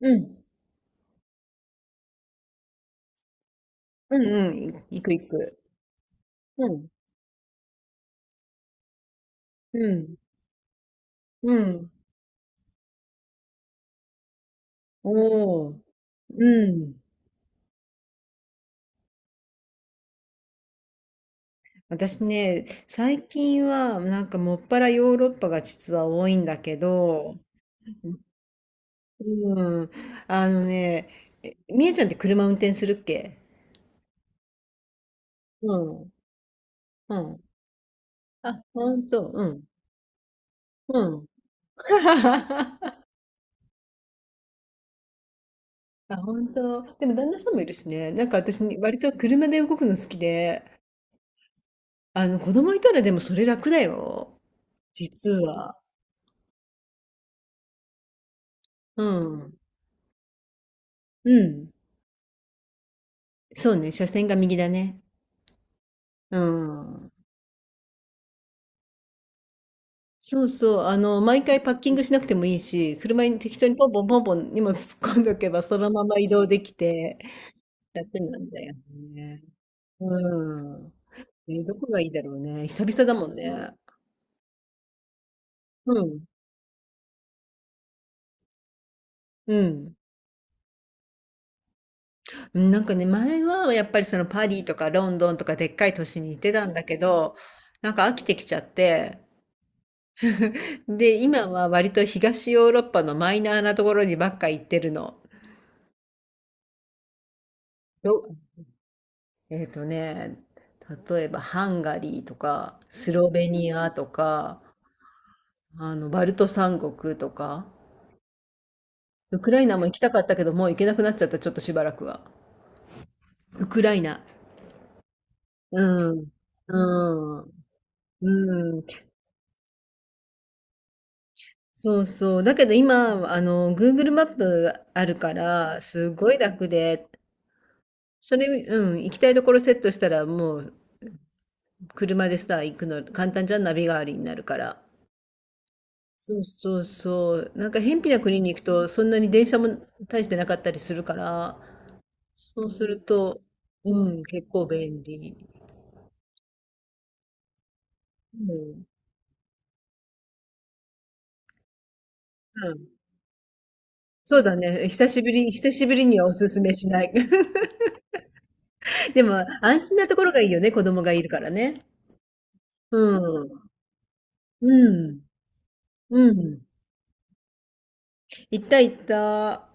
うん。うんうん。行く行く。うん。うん。うん。おー。うん。私ね、最近はなんかもっぱらヨーロッパが実は多いんだけど、うん。あのね、えみえちゃんって車運転するっけ？うん。うん。あ、ほんと。うん。うん。あ、本当。でも旦那さんもいるしね。なんか私に割と車で動くの好きで、あの子供いたらでもそれ楽だよ。実は。うん。うん。そうね、車線が右だね。うん。そうそう、あの、毎回パッキングしなくてもいいし、車に適当にポンポンポンポン荷物突っ込んどけば、そのまま移動できて、楽なんだよね。うん。え、どこがいいだろうね。久々だもんね。うん。うん。うん、なんかね、前はやっぱりそのパリとかロンドンとかでっかい都市に行ってたんだけど、なんか飽きてきちゃって、で、今は割と東ヨーロッパのマイナーなところにばっか行ってるの。よえっとね、例えばハンガリーとか、スロベニアとか、あの、バルト三国とか、ウクライナも行きたかったけど、もう行けなくなっちゃった、ちょっとしばらくは。ウクライナ。うん。うん。うん。そうそう。だけど今、あの、Google マップあるから、すごい楽で、それ、うん、行きたいところセットしたら、もう、車でさ、行くの、簡単じゃん、ナビ代わりになるから。そうそうそう。なんか、偏僻な国に行くと、そんなに電車も大してなかったりするから、そうすると、うん、結構便利。うん。うん。そうだね。久しぶりにはおすすめしない。でも、安心なところがいいよね。子供がいるからね。うん。うん。うん。行った行った。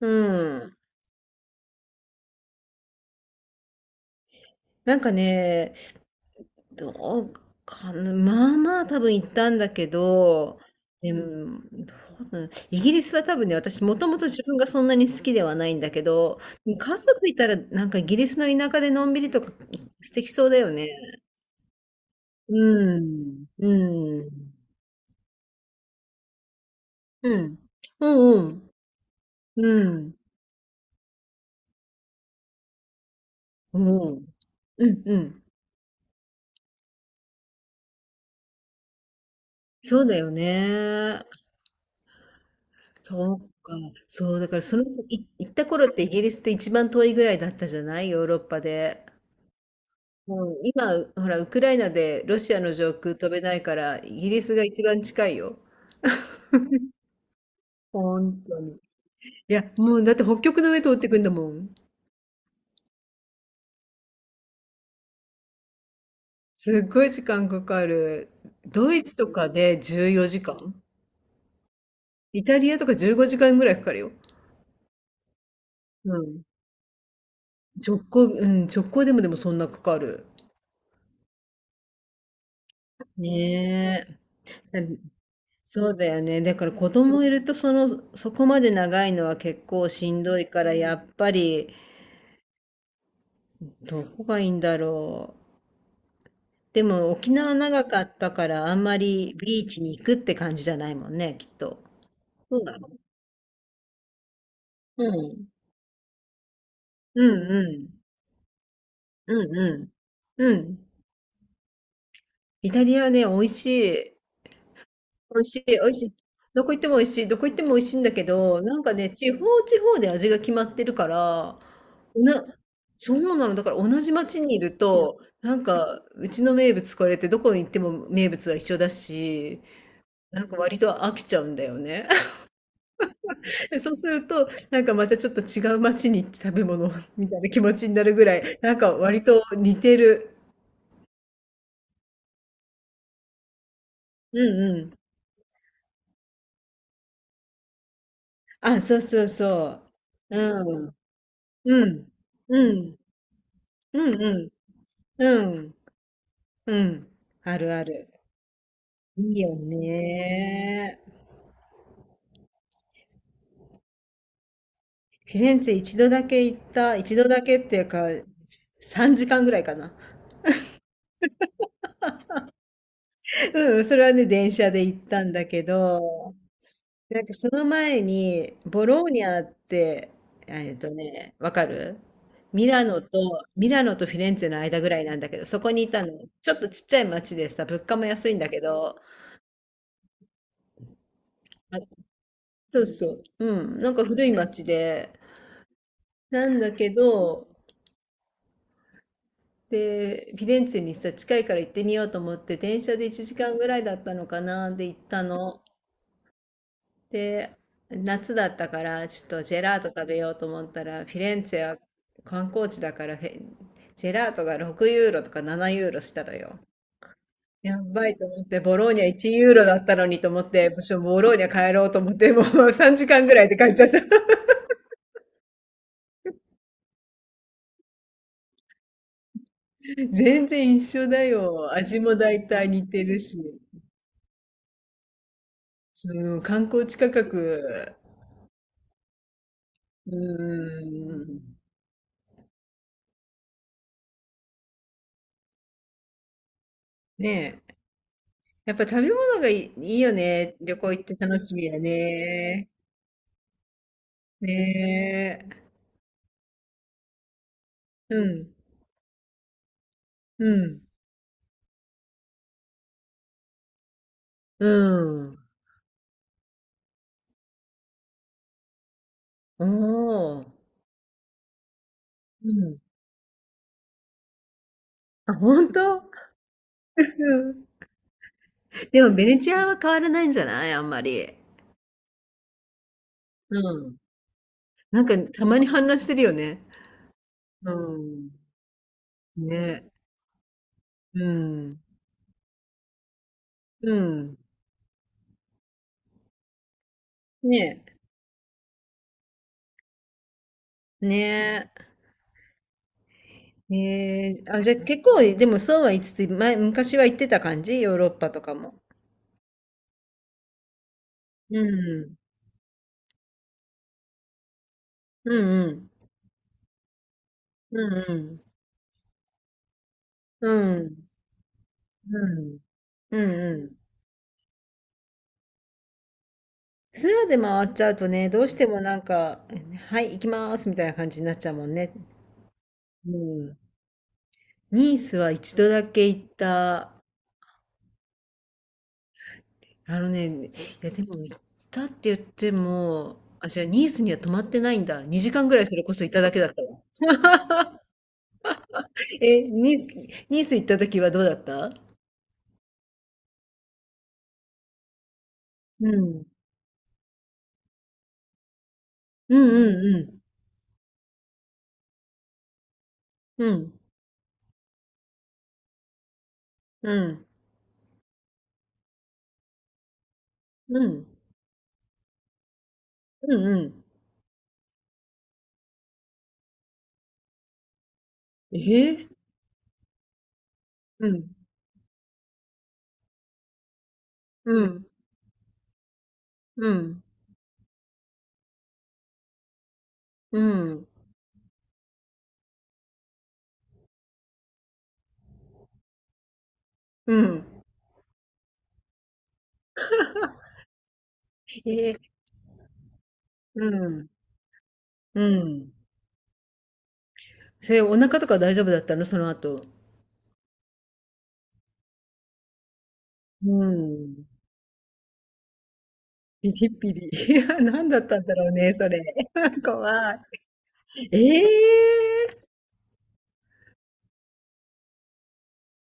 うん。なんかね、どうかな、まあまあ多分行ったんだけど、でも、どうだイギリスは多分ね、私もともと自分がそんなに好きではないんだけど、家族いたらなんかイギリスの田舎でのんびりとか素敵そうだよね。うん、うん、うん、うん、うん、うん、うん、うん、うん、そうだよね。そうか、そう、だからその行った頃ってイギリスって一番遠いぐらいだったじゃないヨーロッパで。うん、今、ほら、ウクライナでロシアの上空飛べないから、イギリスが一番近いよ。本当に。いや、もうだって北極の上通ってくんだもん。すっごい時間かかる。ドイツとかで14時間。イタリアとか15時間ぐらいかかるよ。うん。直行、うん、直行でもそんなかかる。ねえ。そうだよね。だから子供いるとその、そこまで長いのは結構しんどいから、やっぱりどこがいいんだろ。でも沖縄長かったからあんまりビーチに行くって感じじゃないもんね、きっと。そうだろう。うん。うんうん。うんうん。うん。イタリアね、美味しい。美味しい、美味しい。どこ行っても美味しい。どこ行っても美味しいんだけど、なんかね、地方地方で味が決まってるから、な、そうなの。だから同じ町にいると、なんか、うちの名物これってどこに行っても名物が一緒だし、なんか割と飽きちゃうんだよね。で、そうすると、なんかまたちょっと違う街に行って食べ物 みたいな気持ちになるぐらい、なんか割と似てる。うんうん。あ、そうそうそう。うん。うん。うん。うんうん。うん。うん。あるある。いいよね。フィレンツェ一度だけ行った、一度だけっていうか、3時間ぐらいかな。うん、それはね、電車で行ったんだけど、なんかその前に、ボローニャって、えっとね、わかる？ミラノと、ミラノとフィレンツェの間ぐらいなんだけど、そこにいたの。ちょっとちっちゃい町でさ、物価も安いんだけど、あそうそう、うん、なんか古い町で、なんだけど、で、フィレンツェにさ、近いから行ってみようと思って、電車で1時間ぐらいだったのかな、で行ったの。で、夏だったから、ちょっとジェラート食べようと思ったら、フィレンツェは観光地だからジェラートが6ユーロとか7ユーロしたのよ。やばいと思って、ボローニャ1ユーロだったのにと思って、私はボローニャ帰ろうと思って、もう3時間ぐらいで帰っちゃった。全然一緒だよ。味も大体似てるし。その観光地価格、うーん。ねえ。やっぱ食べ物がいいよね。旅行行って楽しみやね。ねえ。うん。うん。うん。おお。うん。あ、本当？うん。でもベネチアは変わらないんじゃない？あんまり。うん。なんかたまに氾濫してるよね。うん。ね。うん。うん。ねえ。ねえ。ええ、あ、じゃ、結構でもそうは言いつつ、昔は行ってた感じ？ヨーロッパとかも。うん。うんうん。うんうん。うん。うん。うんうん。ツアーで回っちゃうとね、どうしてもなんか、はい、行きますみたいな感じになっちゃうもんね。うん。ニースは一度だけ行った。あのね、いやでも行ったって言っても、あ、じゃあニースには泊まってないんだ。2時間ぐらいそれこそいただけだったわ。え、ニース行った時はどうだった？うん。うんうんうん。うん。うん。うん。うんうん。えうん。うん。うん。うん。うん。えー、うん。うん。それ、お腹とか大丈夫だったの？その後。うん。ピリピリ。いや、何だったんだろうね、それ。怖い。ええ！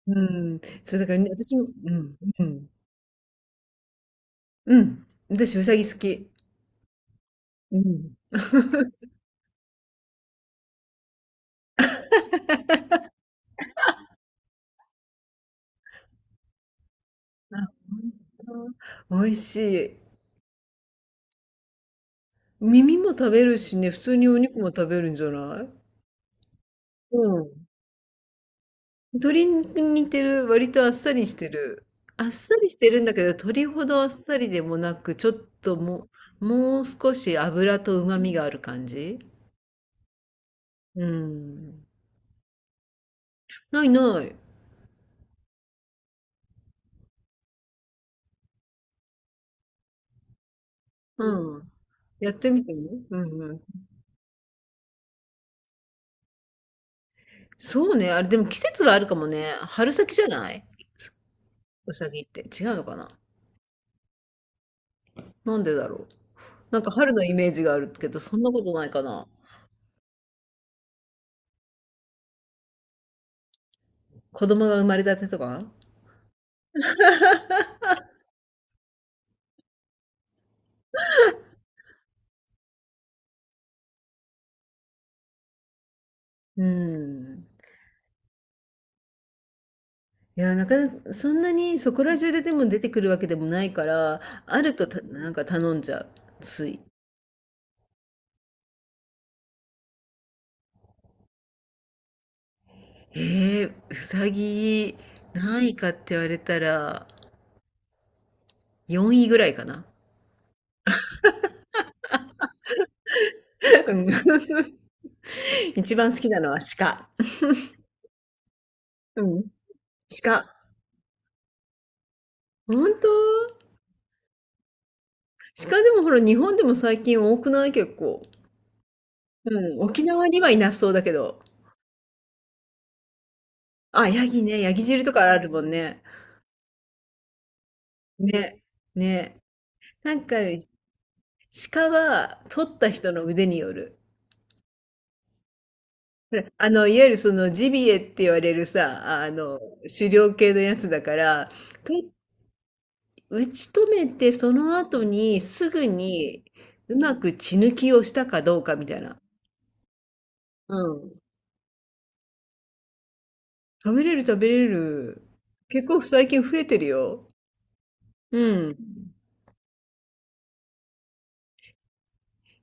うん。そう、だからね、私もうん、うん。うん。私、うさぎ好き。うん。あ、本当。美味しい。耳も食べるしね、普通にお肉も食べるんじゃない？うん。鶏肉に似てる、割とあっさりしてる。あっさりしてるんだけど、鶏ほどあっさりでもなく、ちょっともう少し脂と旨味がある感じ。うん。ないない。うん。やってみてね。うんうん。そうね。あれ、でも季節はあるかもね。春先じゃない？うさぎって。違うのかな？なんでだろう。なんか春のイメージがあるけど、そんなことないかな。子供が生まれたてとか。うん。いや、なかなかそんなにそこら中ででも出てくるわけでもないから、あるとなんか頼んじゃう、つい。うさぎ、何位かって言われたら、4位ぐらいかな。うん 一番好きなのは鹿。うん。鹿。ほんと？鹿でもほら、日本でも最近多くない？結構。うん、沖縄にはいなそうだけど。あ、ヤギね、ヤギ汁とかあるもんね。ね、ね。なんか、鹿は、取った人の腕による。あの、いわゆるそのジビエって言われるさ、あの、狩猟系のやつだから、と打ち止めてその後にすぐにうまく血抜きをしたかどうかみたいな。うん。食べれる食べれる。結構最近増えてるよ。うん。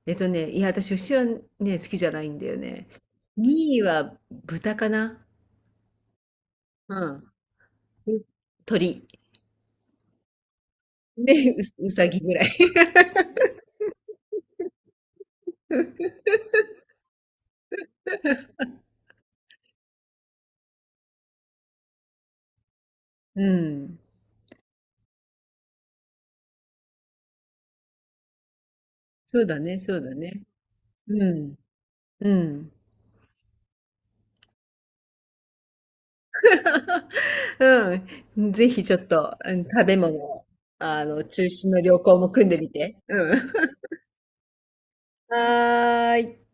いや、私牛はね、好きじゃないんだよね。2位は豚かな。うん。鳥。で、うさぎぐらい。うん。そうだね、そうだね。うん。うん。うん。ぜひちょっと、うん、食べ物、あの、中心の旅行も組んでみて。うん。はーい。